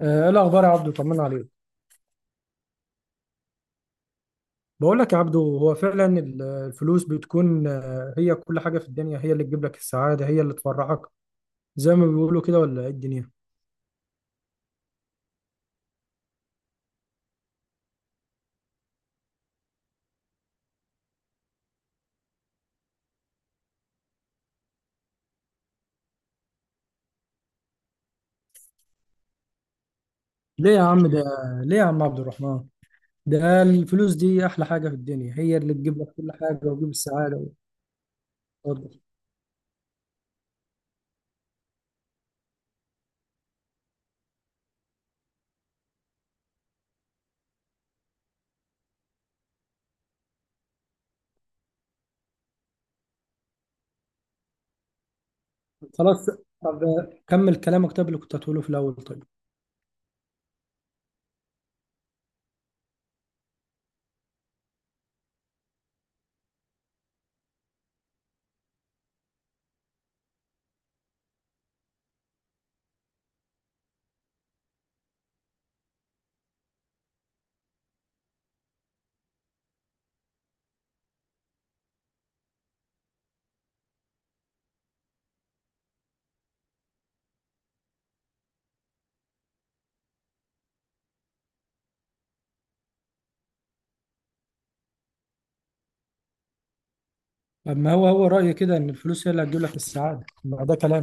ايه الاخبار يا عبدو؟ طمنا عليك. بقول لك يا عبدو، هو فعلا الفلوس بتكون، هي كل حاجه في الدنيا، هي اللي تجيب لك السعاده، هي اللي تفرحك، زي ما بيقولوا كده. ولا ايه الدنيا؟ ليه يا عم ده ليه يا عم عبد الرحمن؟ ده الفلوس دي احلى حاجه في الدنيا، هي اللي تجيب لك كل حاجه وتجيب السعاده. وتفضل. خلاص. طب كمل كلامك، طب اللي كنت هتقوله في الاول. طيب، اما هو رايي كده ان الفلوس هي اللي هتجيب لك السعاده، ما ده كلام.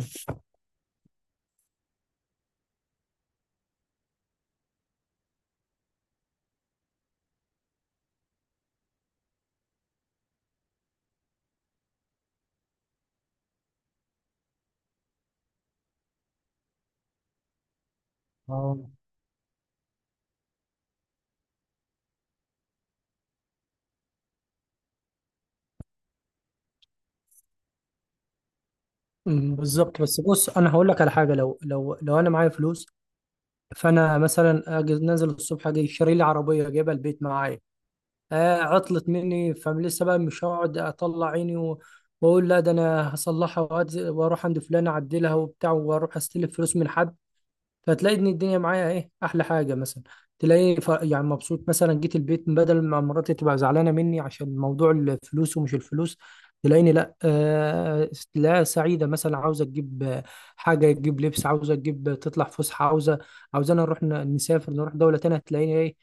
اه. بالظبط. بس بص، انا هقول لك على حاجه، لو لو انا معايا فلوس، فانا مثلا اجي نازل الصبح، اجي شاري لي عربيه جايبها البيت معايا. آه، عطلت مني فلسه، بقى مش هقعد اطلع عيني واقول لا، ده انا هصلحها، واروح عند فلان اعدلها وبتاع، واروح استلف فلوس من حد. فتلاقي ان الدنيا معايا، ايه احلى حاجه مثلا؟ يعني مبسوط. مثلا جيت البيت، بدل ما مراتي تبقى زعلانه مني عشان موضوع الفلوس ومش الفلوس، تلاقيني لا، لا سعيده. مثلا عاوزه تجيب حاجه، تجيب لبس، عاوزه تجيب تطلع فسحه، عاوزه نسافر نروح دوله تانية. تلاقيني ايه؟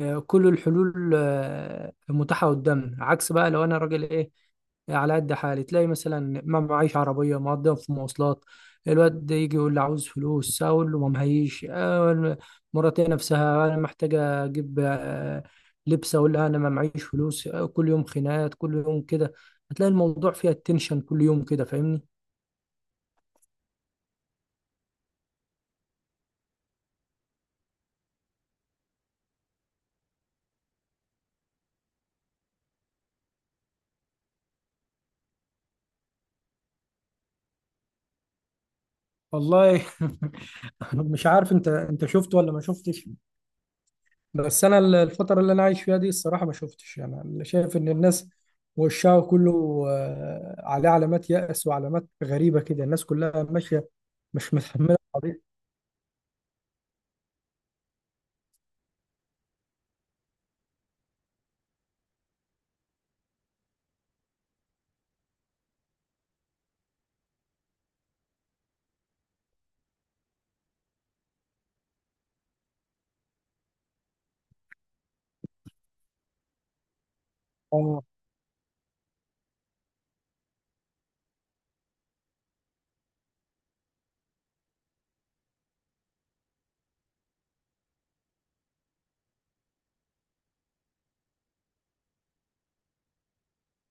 آه، كل الحلول متاحه قدامنا. عكس بقى لو انا راجل ايه، على قد حالي، تلاقي مثلا ما معيش عربية، مقضيها في مواصلات. الواد ده يجي يقول لي عاوز فلوس، اقول له ما معيش، مراتي نفسها انا محتاجه اجيب لبس، اقول لها انا ما معيش فلوس. كل يوم خناقات، كل يوم كده. هتلاقي الموضوع فيها التنشن كل يوم كده، فاهمني؟ والله مش عارف انت شفت ولا ما شفتش؟ بس انا الفتره اللي انا عايش فيها دي الصراحه ما شفتش، انا اللي شايف ان الناس وشها كله عليه علامات يأس وعلامات غريبه كده، الناس كلها ماشيه مش متحمله القضيه. آه.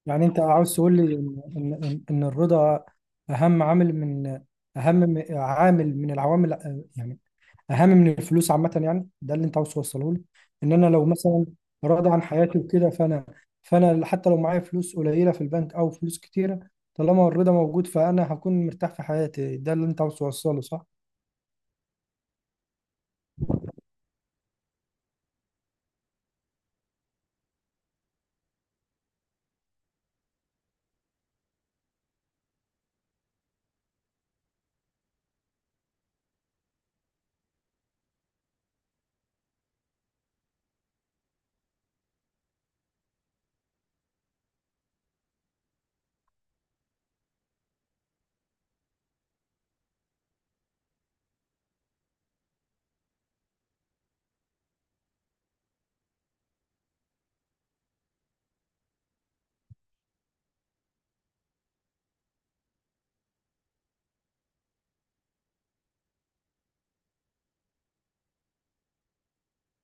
يعني انت عاوز تقول لي ان إن الرضا اهم عامل من العوامل، يعني اهم من الفلوس عامه، يعني ده اللي انت عاوز توصله لي، ان انا لو مثلا راضي عن حياتي وكده، فانا فانا حتى لو معايا فلوس قليله في البنك او فلوس كتيره، طالما الرضا موجود، فانا هكون مرتاح في حياتي. ده اللي انت عاوز توصله صح؟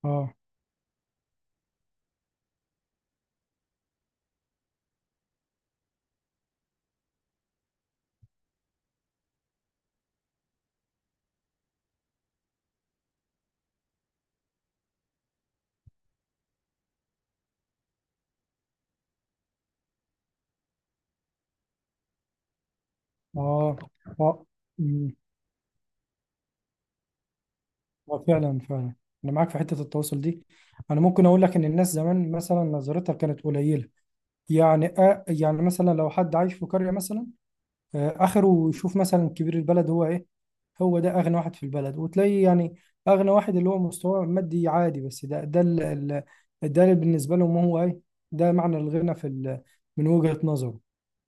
اه، اه، اه. أمم. آه، فعلا فعلا، انا معاك في حته التواصل دي. انا ممكن اقول لك ان الناس زمان مثلا نظرتها كانت قليله، يعني يعني مثلا لو حد عايش في قرية مثلا، آخره يشوف مثلا كبير البلد هو إيه، هو ده أغنى واحد في البلد. وتلاقي يعني أغنى واحد اللي هو مستواه مادي عادي، بس ده اللي بالنسبة لهم هو إيه، ده معنى الغنى من وجهة نظره.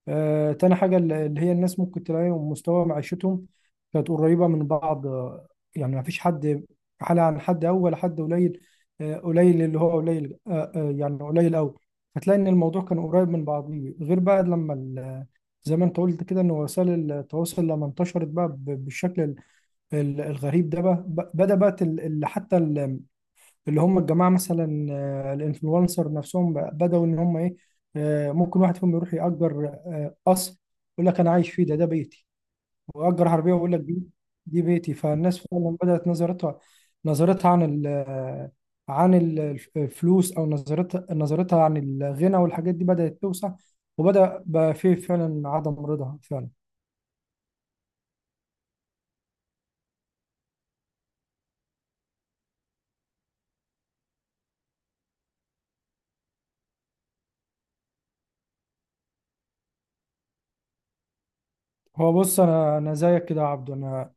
تاني حاجة اللي هي الناس ممكن تلاقيهم مستوى معيشتهم كانت قريبة من بعض، يعني ما فيش حد حالة عن حد أول، ولا حد قليل، قليل اللي هو قليل، يعني قليل أوي. فتلاقي إن الموضوع كان قريب من بعضيه، غير بقى لما زي ما أنت قلت كده، إن وسائل التواصل لما انتشرت بقى بالشكل الغريب ده، بقى بدأ بقى اللي هم الجماعه مثلا، الانفلونسر نفسهم بداوا ان هم ايه، ممكن واحد فيهم يروح يأجر قصر، يقول لك انا عايش فيه، ده بيتي، ويأجر عربيه ويقول لك دي بيتي. فالناس فعلا بدأت نظرتها، نظرتها عن ال آه، عن ال- الفلوس، او نظرتها عن الغنى، والحاجات دي بدأت توسع، وبدأ بقى فيه فعلا عدم رضا فعلا. هو بص، انا زيك كده يا عبدو، انا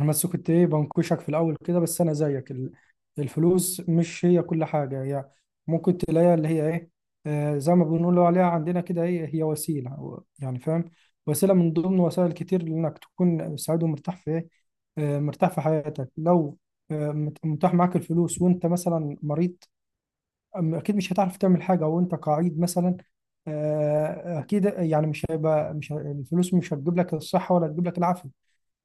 انا بس كنت ايه بنكشك في الاول كده. بس انا زيك، الفلوس مش هي كل حاجه، هي ممكن تلاقيها اللي هي ايه، زي ما بنقولوا عليها عندنا كده، ايه هي، وسيله يعني فاهم، وسيله من ضمن وسائل كتير لانك تكون سعيد ومرتاح في ايه، مرتاح في حياتك. لو متاح معاك الفلوس وانت مثلا مريض، اكيد مش هتعرف تعمل حاجه وانت قاعد مثلا. اكيد يعني مش هيبقى، مش ه- الفلوس مش هتجيب لك الصحه ولا هتجيب لك العافيه.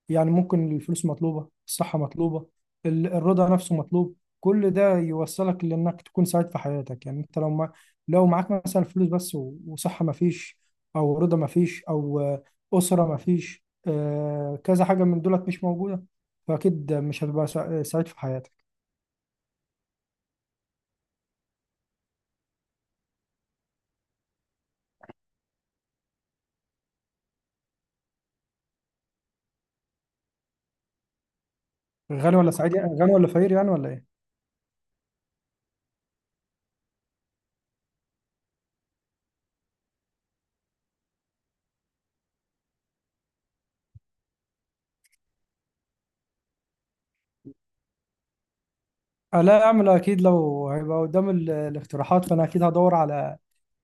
يعني ممكن الفلوس مطلوبه، الصحه مطلوبه، الرضا نفسه مطلوب، كل ده يوصلك لانك تكون سعيد في حياتك. يعني انت لو ما لو معاك مثلا فلوس بس، وصحه ما فيش، او رضا ما فيش، او اسره ما فيش، كذا حاجه من دولت مش موجوده، فاكيد مش هتبقى سعيد في حياتك. غني ولا سعيد يعني، غني ولا فقير يعني، ولا ايه؟ لا، اعمل اكيد لو هيبقى قدام الاقتراحات، فانا اكيد هدور على،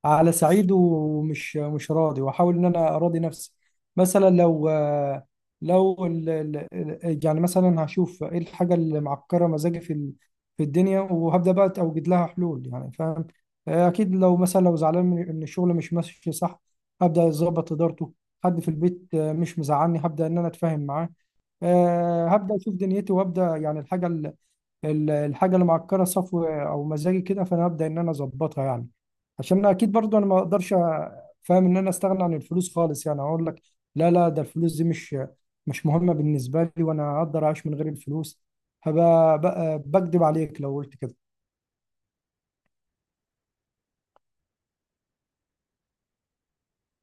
على سعيد ومش مش راضي، واحاول ان انا اراضي نفسي. مثلا لو لو يعني مثلا هشوف ايه الحاجه اللي معكره مزاجي في الدنيا، وهبدا بقى اوجد لها حلول، يعني فاهم. اكيد لو مثلا زعلان من ان الشغل مش ماشي صح، هبدا اظبط ادارته. حد في البيت مش مزعلني، هبدا ان انا اتفاهم معاه. هبدا اشوف دنيتي وابدا يعني الحاجه، الحاجه اللي معكره صفو او مزاجي كده، فانا هبدا ان انا اظبطها يعني. عشان انا اكيد برضو، انا ما اقدرش فاهم ان انا استغنى عن الفلوس خالص. يعني اقول لك لا، لا، ده الفلوس دي مش مهمه بالنسبه لي، وانا اقدر اعيش من غير الفلوس، هبقى بكدب عليك لو قلت كده.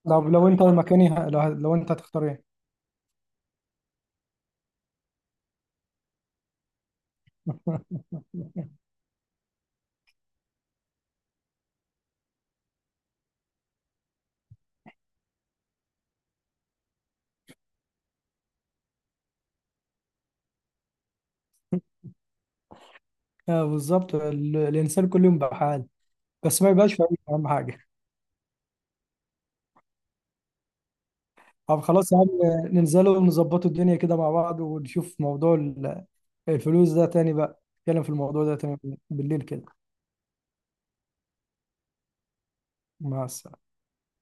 لو انت مكاني، لو انت هتختار ايه؟ آه، بالظبط، الانسان كل يوم بحال، بس ما يبقاش فريق، اهم حاجه. طب خلاص يا عم، ننزلوا ونظبطوا الدنيا كده مع بعض، ونشوف موضوع الفلوس ده تاني، بقى نتكلم في الموضوع ده تاني بالليل كده. مع السلامة.